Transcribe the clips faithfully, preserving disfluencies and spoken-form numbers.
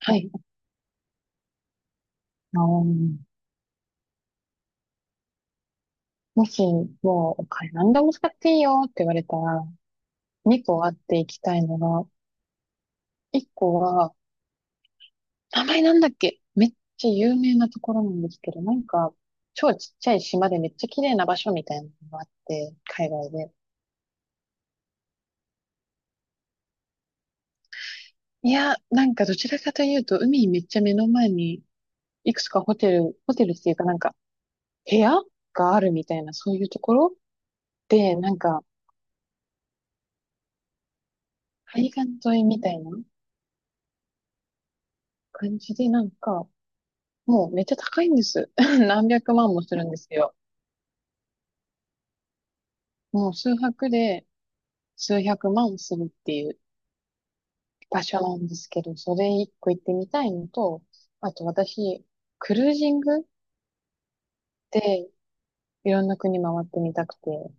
はい。あの、もし、もう、お金何でも使っていいよって言われたら、にこあっていきたいのが、いっこは、名前なんだっけめっちゃ有名なところなんですけど、なんか、超ちっちゃい島でめっちゃ綺麗な場所みたいなのがあって、海外で。いや、なんかどちらかというと、海めっちゃ目の前に、いくつかホテル、ホテルっていうかなんか、部屋があるみたいな、そういうところで、なんか、海岸沿いみたいな感じで、なんか、もうめっちゃ高いんです。何百万もするんですよ。もう数泊で数百万するっていう場所なんですけど、それ一個行ってみたいのと、あと私、クルージングでいろんな国回ってみたくて、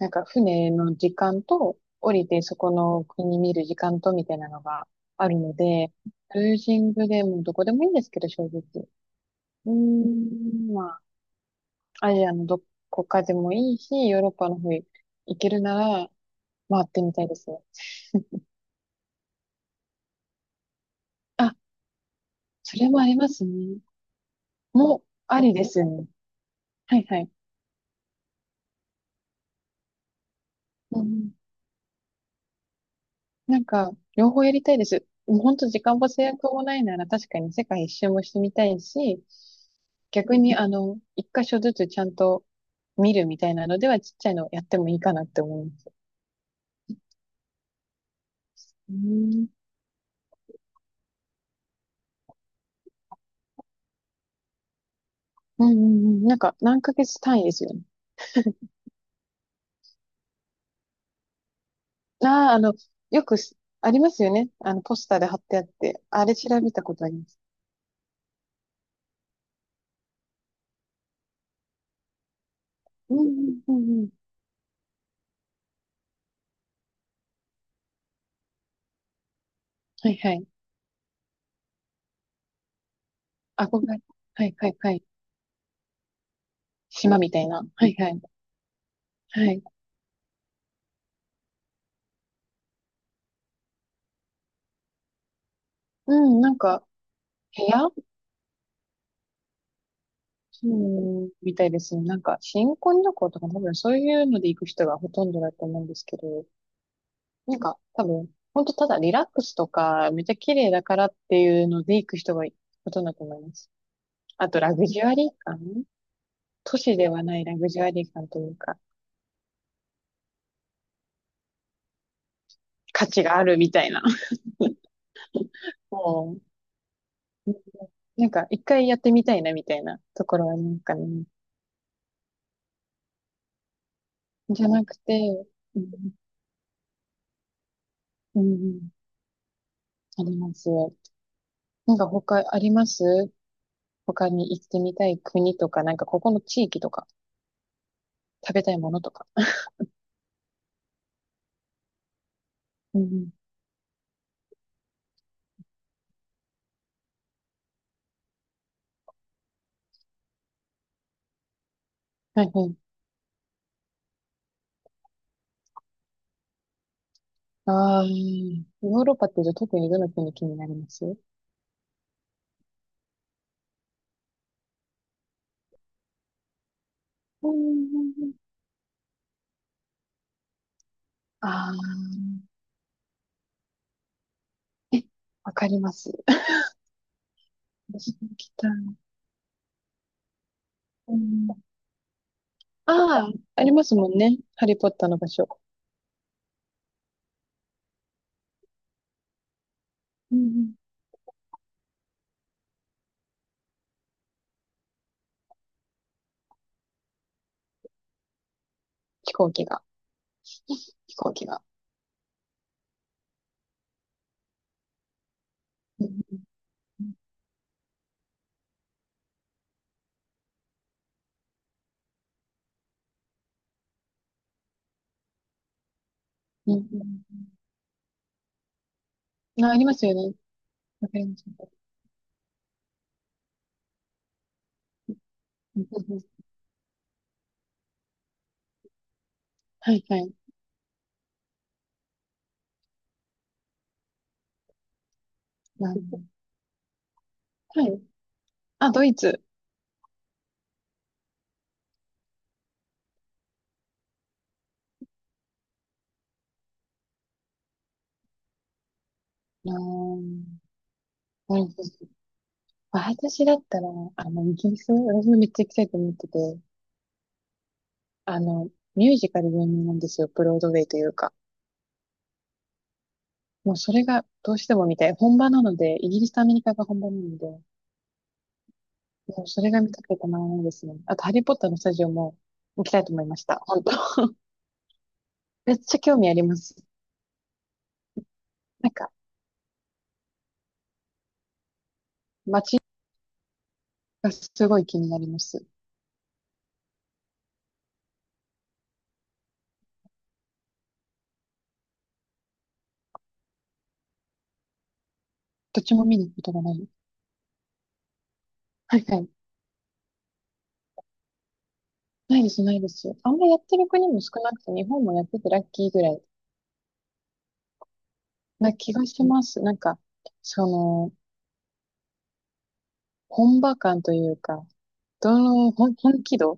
なんか船の時間と降りてそこの国見る時間とみたいなのがあるので、クルージングでもどこでもいいんですけど、正直。うーん、まあ、アジアのどこかでもいいし、ヨーロッパの方行けるなら、回ってみたいですね。あ、それもありますね。もう、ありですよね。はいはい。うんうん、なんか、両方やりたいです。もう本当時間も制約もないなら確かに世界一周もしてみたいし、逆にあの、一箇所ずつちゃんと見るみたいなのではちっちゃいのやってもいいかなって思います。うん。うんうんうん。なんか何ヶ月単位ですよね。ああ、あの、よくすありますよね。あの、ポスターで貼ってあって、あれ調べたことあります。うんうんうんうん。はいはい。あ、ごめん。はいはいはい。島みたいな。はいはい。はい。うん、なんか、部屋、うん、みたいですね。なんか、新婚旅行とか多分そういうので行く人がほとんどだと思うんですけど、なんか、多分、ほんとただリラックスとか、めっちゃ綺麗だからっていうので行く人がほとんどだと思います。あと、ラグジュアリー感、都市ではないラグジュアリー感というか、価値があるみたいな。もう、なんか、一回やってみたいなみたいなところはなんかね、じゃなくて、うんうん、あります。なんか他あります、他に行ってみたい国とか、なんかここの地域とか、食べたいものとか。うんうん。はいはい。ああ、ヨーロッパってじゃ特にどの国気になります？うんうんうん。ああ、え、わかります。私も来た。うん、ああ、ありますもんね。ハリーポッターの場所。うんうん。飛行機が、飛行機が。うんうんうん。あ、ありますよね。わかります。うんうんうん、はいはい。なるほど。あ、ドイツ。あー、なるほど。私だったら、あの、イギリス、私もめっちゃ行きたいと思ってて、あの、ミュージカル有名なんですよ。ブロードウェイというか。もうそれがどうしても見たい。本場なので、イギリスとアメリカが本場なので、もうそれが見たくてたまらないですね。あと、ハリーポッターのスタジオも行きたいと思いました。本当。めっちゃ興味あります。なんか、街がすごい気になります。どっちも見に行くことがない。はいはい。ないです、ないです。あんまやってる国も少なくて、日本もやっててラッキーぐらい。な気がします。なんか、その、本場感というか、どの、ほん本気度っ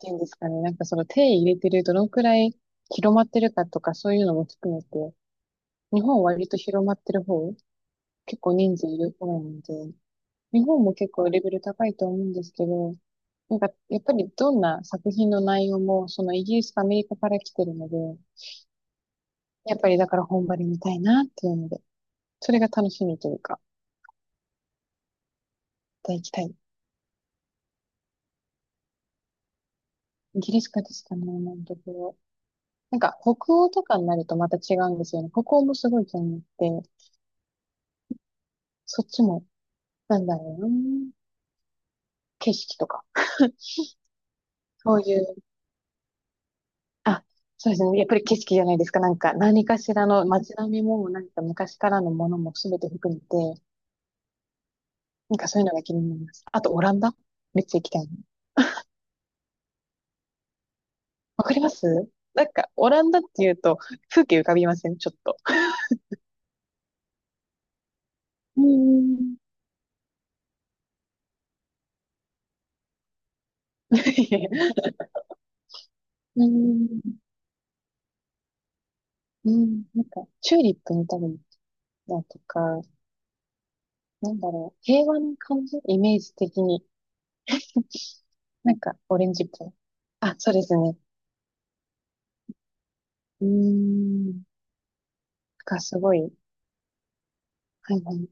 ていうんですかね。なんかその手入れてるどのくらい広まってるかとかそういうのも含めて、日本は割と広まってる方、結構人数いる方なので、日本も結構レベル高いと思うんですけど、なんかやっぱりどんな作品の内容もそのイギリスとアメリカから来てるので、やっぱりだから本場で見たいなっていうので、それが楽しみというか、また行きたいギリシカですかね、今のところ。なんか、北欧とかになるとまた違うんですよね。北欧もすごい気に入って、そっちも、なんだろうな、景色とか。そういう、あ、そうですね。やっぱり景色じゃないですか。なんか、何かしらの街並みも、なんか昔からのものも全て含めて、なんかそういうのが気になります。あと、オランダめっちゃ行きたいな。わかります、なんか、オランダっていうと、風景浮かびません？ちょっと。うーん。うーん。うん。なんか、チューリップ見たりだとか、なんだろう、平和な感じイメージ的に。なんか、オレンジっぽい。あ、そうですね。うーん。がすごい。はいはい。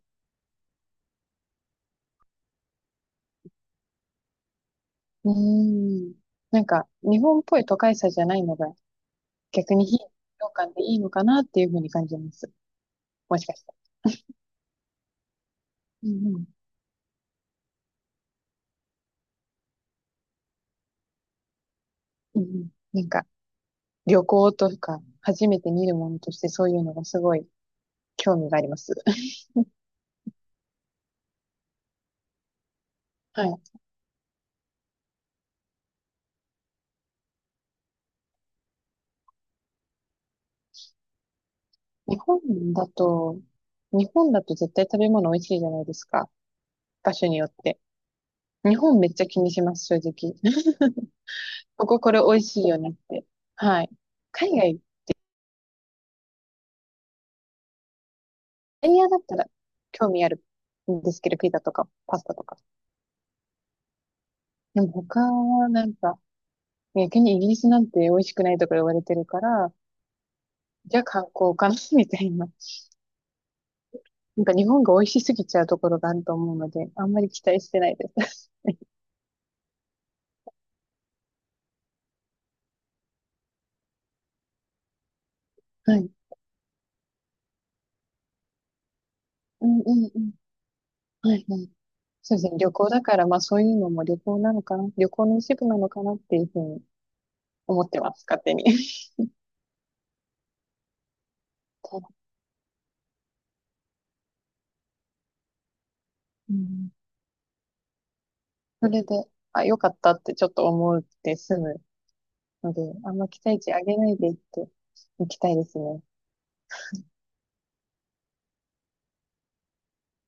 うーん。なんか、日本っぽい都会さじゃないのが、逆に非日常感でいいのかなっていうふうに感じます。もしかしたらうんうん。うんうん。なんか、旅行とか、初めて見るものとしてそういうのがすごい興味があります。はい。日本だと、日本だと絶対食べ物美味しいじゃないですか。場所によって。日本めっちゃ気にします、正直。こここれ美味しいよねって。はい。海外、エリアだったら興味あるんですけど、ピザとかパスタとか。でも他はなんか、逆にイギリスなんて美味しくないとか言われてるから、じゃあ観光かな みたいな。なんか日本が美味しすぎちゃうところがあると思うので、あんまり期待してないです。はい。うんうんうん。はいはい。そうですね。旅行だから、まあそういうのも旅行なのかな。旅行の一部なのかなっていうふうに思ってます、勝手に。うん。それで、あ、よかったってちょっと思って済むので、あんま期待値上げないでいっていきたいですね。